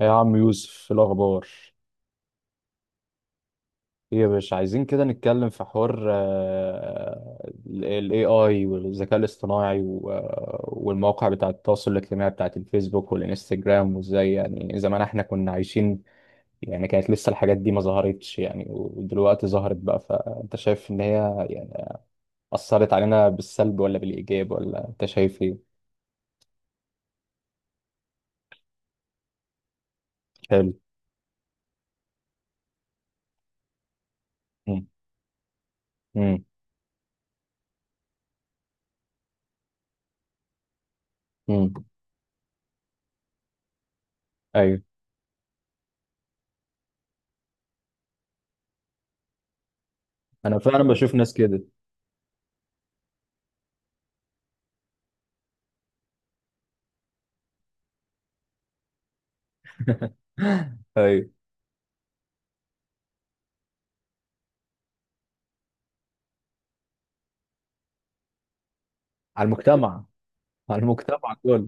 يا عم يوسف في الأخبار إيه يا باشا؟ عايزين كده نتكلم في حوار، ال AI والذكاء الاصطناعي والمواقع بتاعة التواصل الاجتماعي بتاعة الفيسبوك والإنستجرام. وإزاي يعني زمان إحنا كنا عايشين؟ يعني كانت لسه الحاجات دي ما ظهرتش، يعني ودلوقتي ظهرت بقى. فأنت شايف إن هي يعني أثرت علينا بالسلب ولا بالإيجاب، ولا أنت شايف إيه؟ حلو. مم. مم. مم. أيوه. أنا فعلا بشوف ناس كده. أيوه. على المجتمع، على المجتمع كله.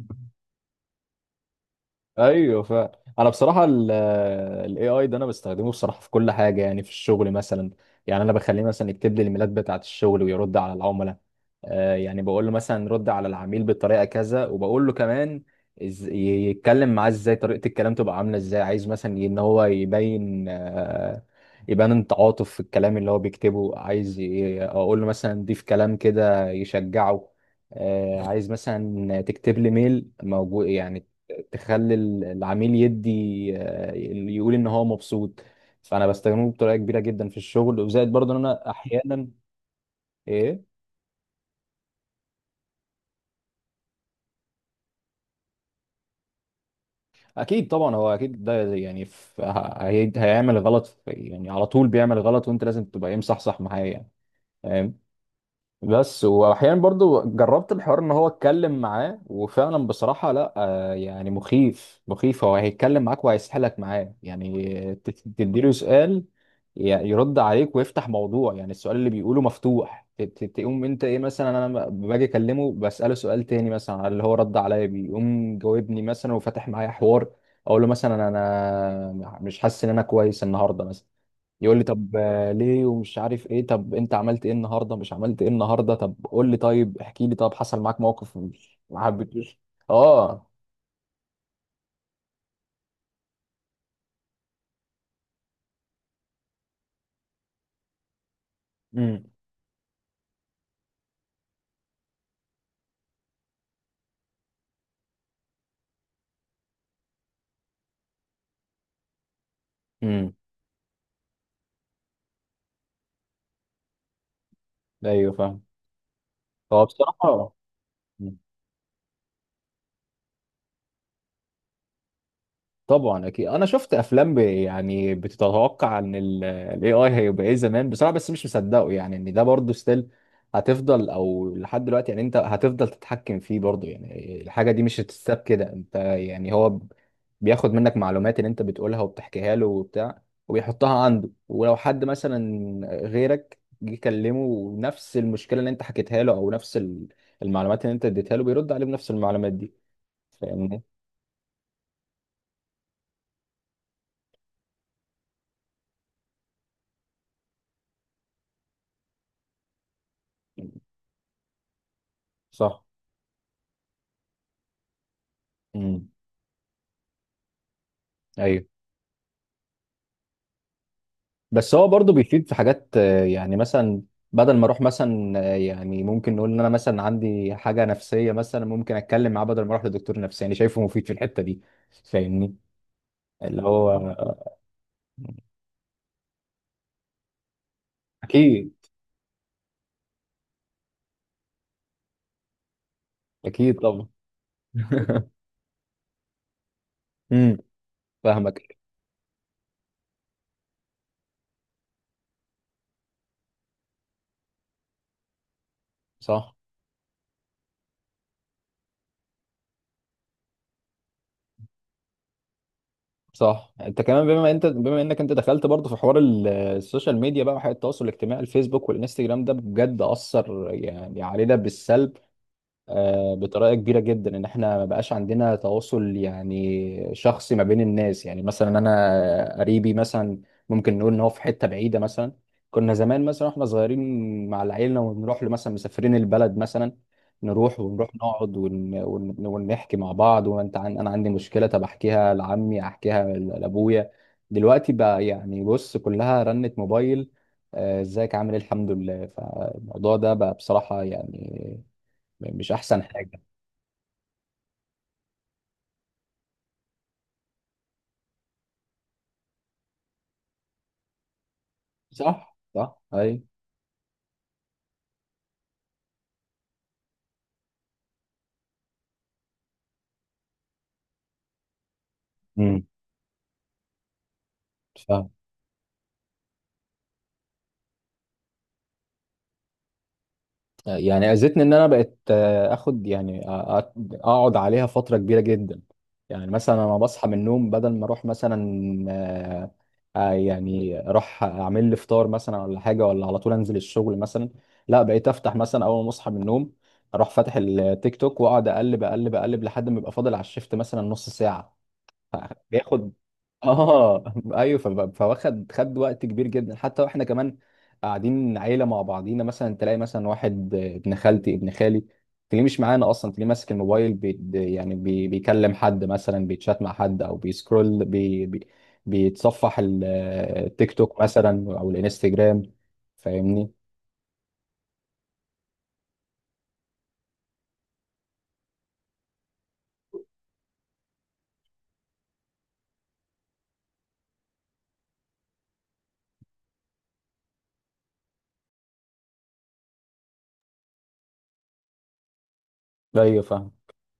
ايوه. ف انا بصراحه الاي اي ده انا بستخدمه بصراحه في كل حاجه، يعني في الشغل مثلا. يعني انا بخليه مثلا يكتب لي الايميلات بتاعه الشغل ويرد على العملاء. يعني بقول له مثلا رد على العميل بالطريقه كذا، وبقول له كمان يتكلم معاه ازاي، طريقه الكلام تبقى عامله ازاي، عايز مثلا ان هو يبين، يبان التعاطف في الكلام اللي هو بيكتبه. عايز اقول له مثلا ضيف كلام كده يشجعه. عايز مثلا تكتب لي ميل موجود يعني تخلي العميل يدي، آه، يقول ان هو مبسوط. فانا بستخدمه بطريقه كبيره جدا في الشغل، وزائد برضه ان انا احيانا إيه، اكيد طبعا. هو اكيد ده يعني في هيعمل غلط، في يعني على طول بيعمل غلط، وانت لازم تبقى ايه مصحصح معاه يعني. بس واحيانا برضو جربت الحوار ان هو اتكلم معاه، وفعلا بصراحة لا، يعني مخيف مخيف. هو هيتكلم معاك وهيسحلك معاه، يعني تديله سؤال يرد عليك ويفتح موضوع، يعني السؤال اللي بيقوله مفتوح. تقوم انت ايه، مثلا انا باجي اكلمه بسأله سؤال تاني مثلا على اللي هو رد عليا بيه، يقوم جاوبني مثلا وفتح معايا حوار. اقول له مثلا انا مش حاسس ان انا كويس النهارده مثلا، يقول لي طب ليه؟ ومش عارف ايه، طب انت عملت ايه النهارده، مش عملت ايه النهارده، طب قول لي، طيب احكي لي، طب حصل معاك موقف مش ما حبيتوش. اه. امم. امم. ايوه فاهم. هو بصراحه طبعا اكيد انا شفت افلام يعني بتتوقع ان الاي اي هيبقى ايه زمان بصراحه، بس مش مصدقه يعني ان ده برضه ستيل هتفضل. او لحد دلوقتي يعني انت هتفضل تتحكم فيه برضه، يعني الحاجه دي مش هتتساب كده. انت يعني هو بياخد منك معلومات اللي انت بتقولها وبتحكيها له وبتاع، وبيحطها عنده. ولو حد مثلا غيرك جه كلمه ونفس المشكله اللي انت حكيتها له، او نفس المعلومات اللي انت اديتها له، بيرد عليه بنفس المعلومات دي. فاهمني؟ صح. امم. ايوه. بس هو برضه بيفيد في حاجات، يعني مثلا بدل ما اروح مثلا، يعني ممكن نقول ان انا مثلا عندي حاجه نفسيه مثلا، ممكن اتكلم معاه بدل ما اروح لدكتور نفساني. شايفه مفيد في الحته دي. فاهمني؟ اللي هو اكيد. اكيد طبعا. امم. فاهمك. صح صح. انت كمان بما انت، بما انك انت دخلت برضه في حوار السوشيال ميديا بقى وحياة التواصل الاجتماعي، الفيسبوك والانستجرام، ده بجد اثر يعني علينا بالسلب، بطريقه كبيره جدا. ان احنا ما بقاش عندنا تواصل يعني شخصي ما بين الناس. يعني مثلا انا قريبي مثلا ممكن نقول ان هو في حته بعيده مثلا، كنا زمان مثلا واحنا صغيرين مع العيله ونروح له مثلا مسافرين البلد مثلا، نروح ونروح نقعد ونحكي مع بعض. وانت انا عندي مشكله، طب احكيها لعمي، احكيها لابويا. دلوقتي بقى يعني بص كلها رنة موبايل، ازيك، عامل ايه، الحمد لله. فالموضوع ده بقى بصراحه يعني مش احسن حاجه. صح صح. اي. امم. ف يعني اذتني ان انا بقت، اخد يعني اقعد عليها فتره كبيره جدا. يعني مثلا انا بصحى من النوم بدل ما اروح مثلا، آه، يعني اروح اعمل لي فطار مثلا ولا حاجه، ولا على طول انزل الشغل مثلا. لا، بقيت افتح مثلا اول ما اصحى من النوم، اروح فاتح التيك توك واقعد اقلب اقلب اقلب لحد ما يبقى فاضل على الشفت مثلا نص ساعه. بياخد. اه. ايوه. فواخد وقت كبير جدا. حتى واحنا كمان قاعدين عيله مع بعضينا مثلا، تلاقي مثلا واحد، ابن خالتي ابن خالي، تلاقيه مش معانا اصلا، تلاقيه ماسك الموبايل، بي يعني بي بيكلم حد مثلا، بيتشات مع حد، او بيسكرول بي بي بيتصفح التيك توك مثلا او الانستجرام. فاهمني؟ ايوه فاهم.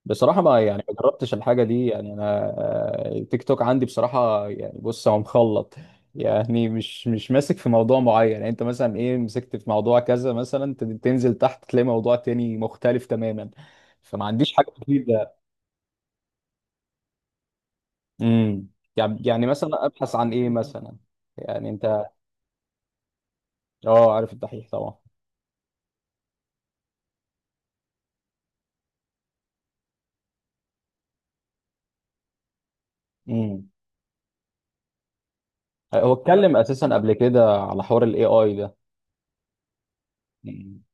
بصراحة ما، يعني ما جربتش الحاجة دي يعني أنا. التيك توك عندي بصراحة يعني بص هو مخلط، يعني مش ماسك في موضوع معين. يعني أنت مثلا إيه مسكت في موضوع كذا مثلا، تنزل تحت تلاقي موضوع تاني مختلف تماما. فما عنديش حاجة جديدة. امم. يعني مثلا أبحث عن إيه مثلا؟ يعني أنت. أه عارف الدحيح طبعا. امم. هو اتكلم أساسا قبل كده على حوار ال AI ده. امم.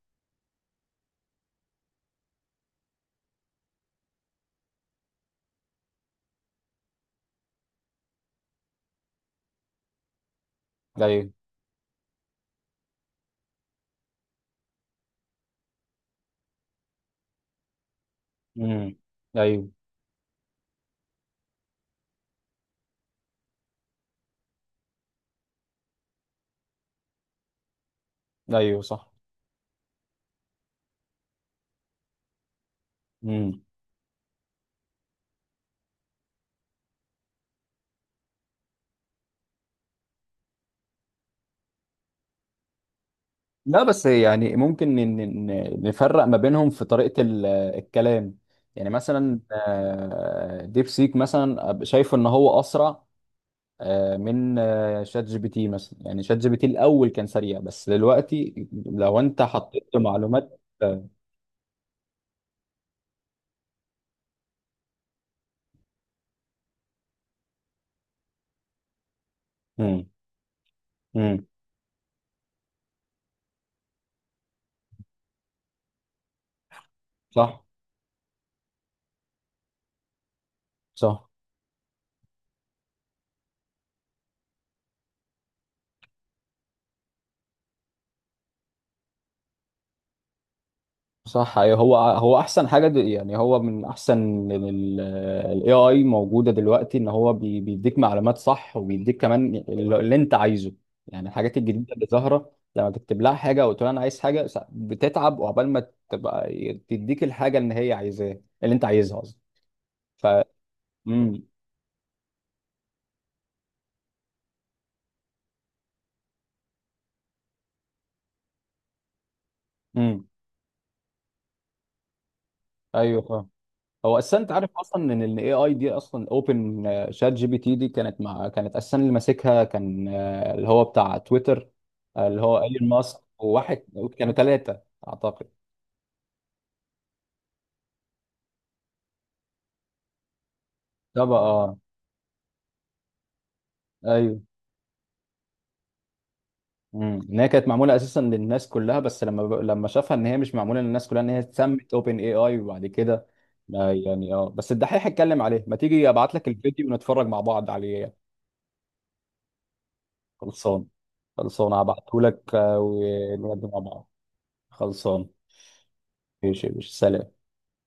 أيوه. امم. أيوه. أيوه صح. مم. لا بس يعني ممكن نفرق ما بينهم في طريقة الكلام. يعني مثلا، ديب سيك مثلا شايفه ان هو اسرع، آه، من آه، شات جي بي تي مثلا. يعني شات جي بي تي الاول كان سريع، بس دلوقتي لو انت حطيت له معلومات. امم. امم. صح صح صح. أيوة، هو هو احسن حاجه يعني هو من احسن الاي اي موجوده دلوقتي، ان هو بيديك معلومات صح، وبيديك كمان اللي انت عايزه. يعني الحاجات الجديده اللي ظاهره لما تكتب لها حاجه وتقول انا عايز حاجه بتتعب وعقبال ما تبقى تديك الحاجه اللي هي عايزاه، اللي انت عايزها قصدي. ف. امم. امم. ايوه. هو اساسا انت عارف اصلا ان الاي اي دي اصلا اوبن، شات جي بي تي دي كانت مع، كانت اساسا اللي ماسكها كان، اللي هو بتاع تويتر، اللي هو ايلون ماسك وواحد، كانوا ثلاثه اعتقد. ده بقى اه. ايوه. امم. ان هي كانت معموله اساسا للناس كلها، بس لما لما شافها ان هي مش معموله للناس كلها، ان هي اتسمت اوبن اي اي. وبعد كده يعني اه، بس الدحيح اتكلم عليه، ما تيجي ابعت لك الفيديو ونتفرج مع بعض عليه. خلصان. خلصان هبعته لك، ونقدم مع بعض. خلصان. ماشي يا باشا، سلام.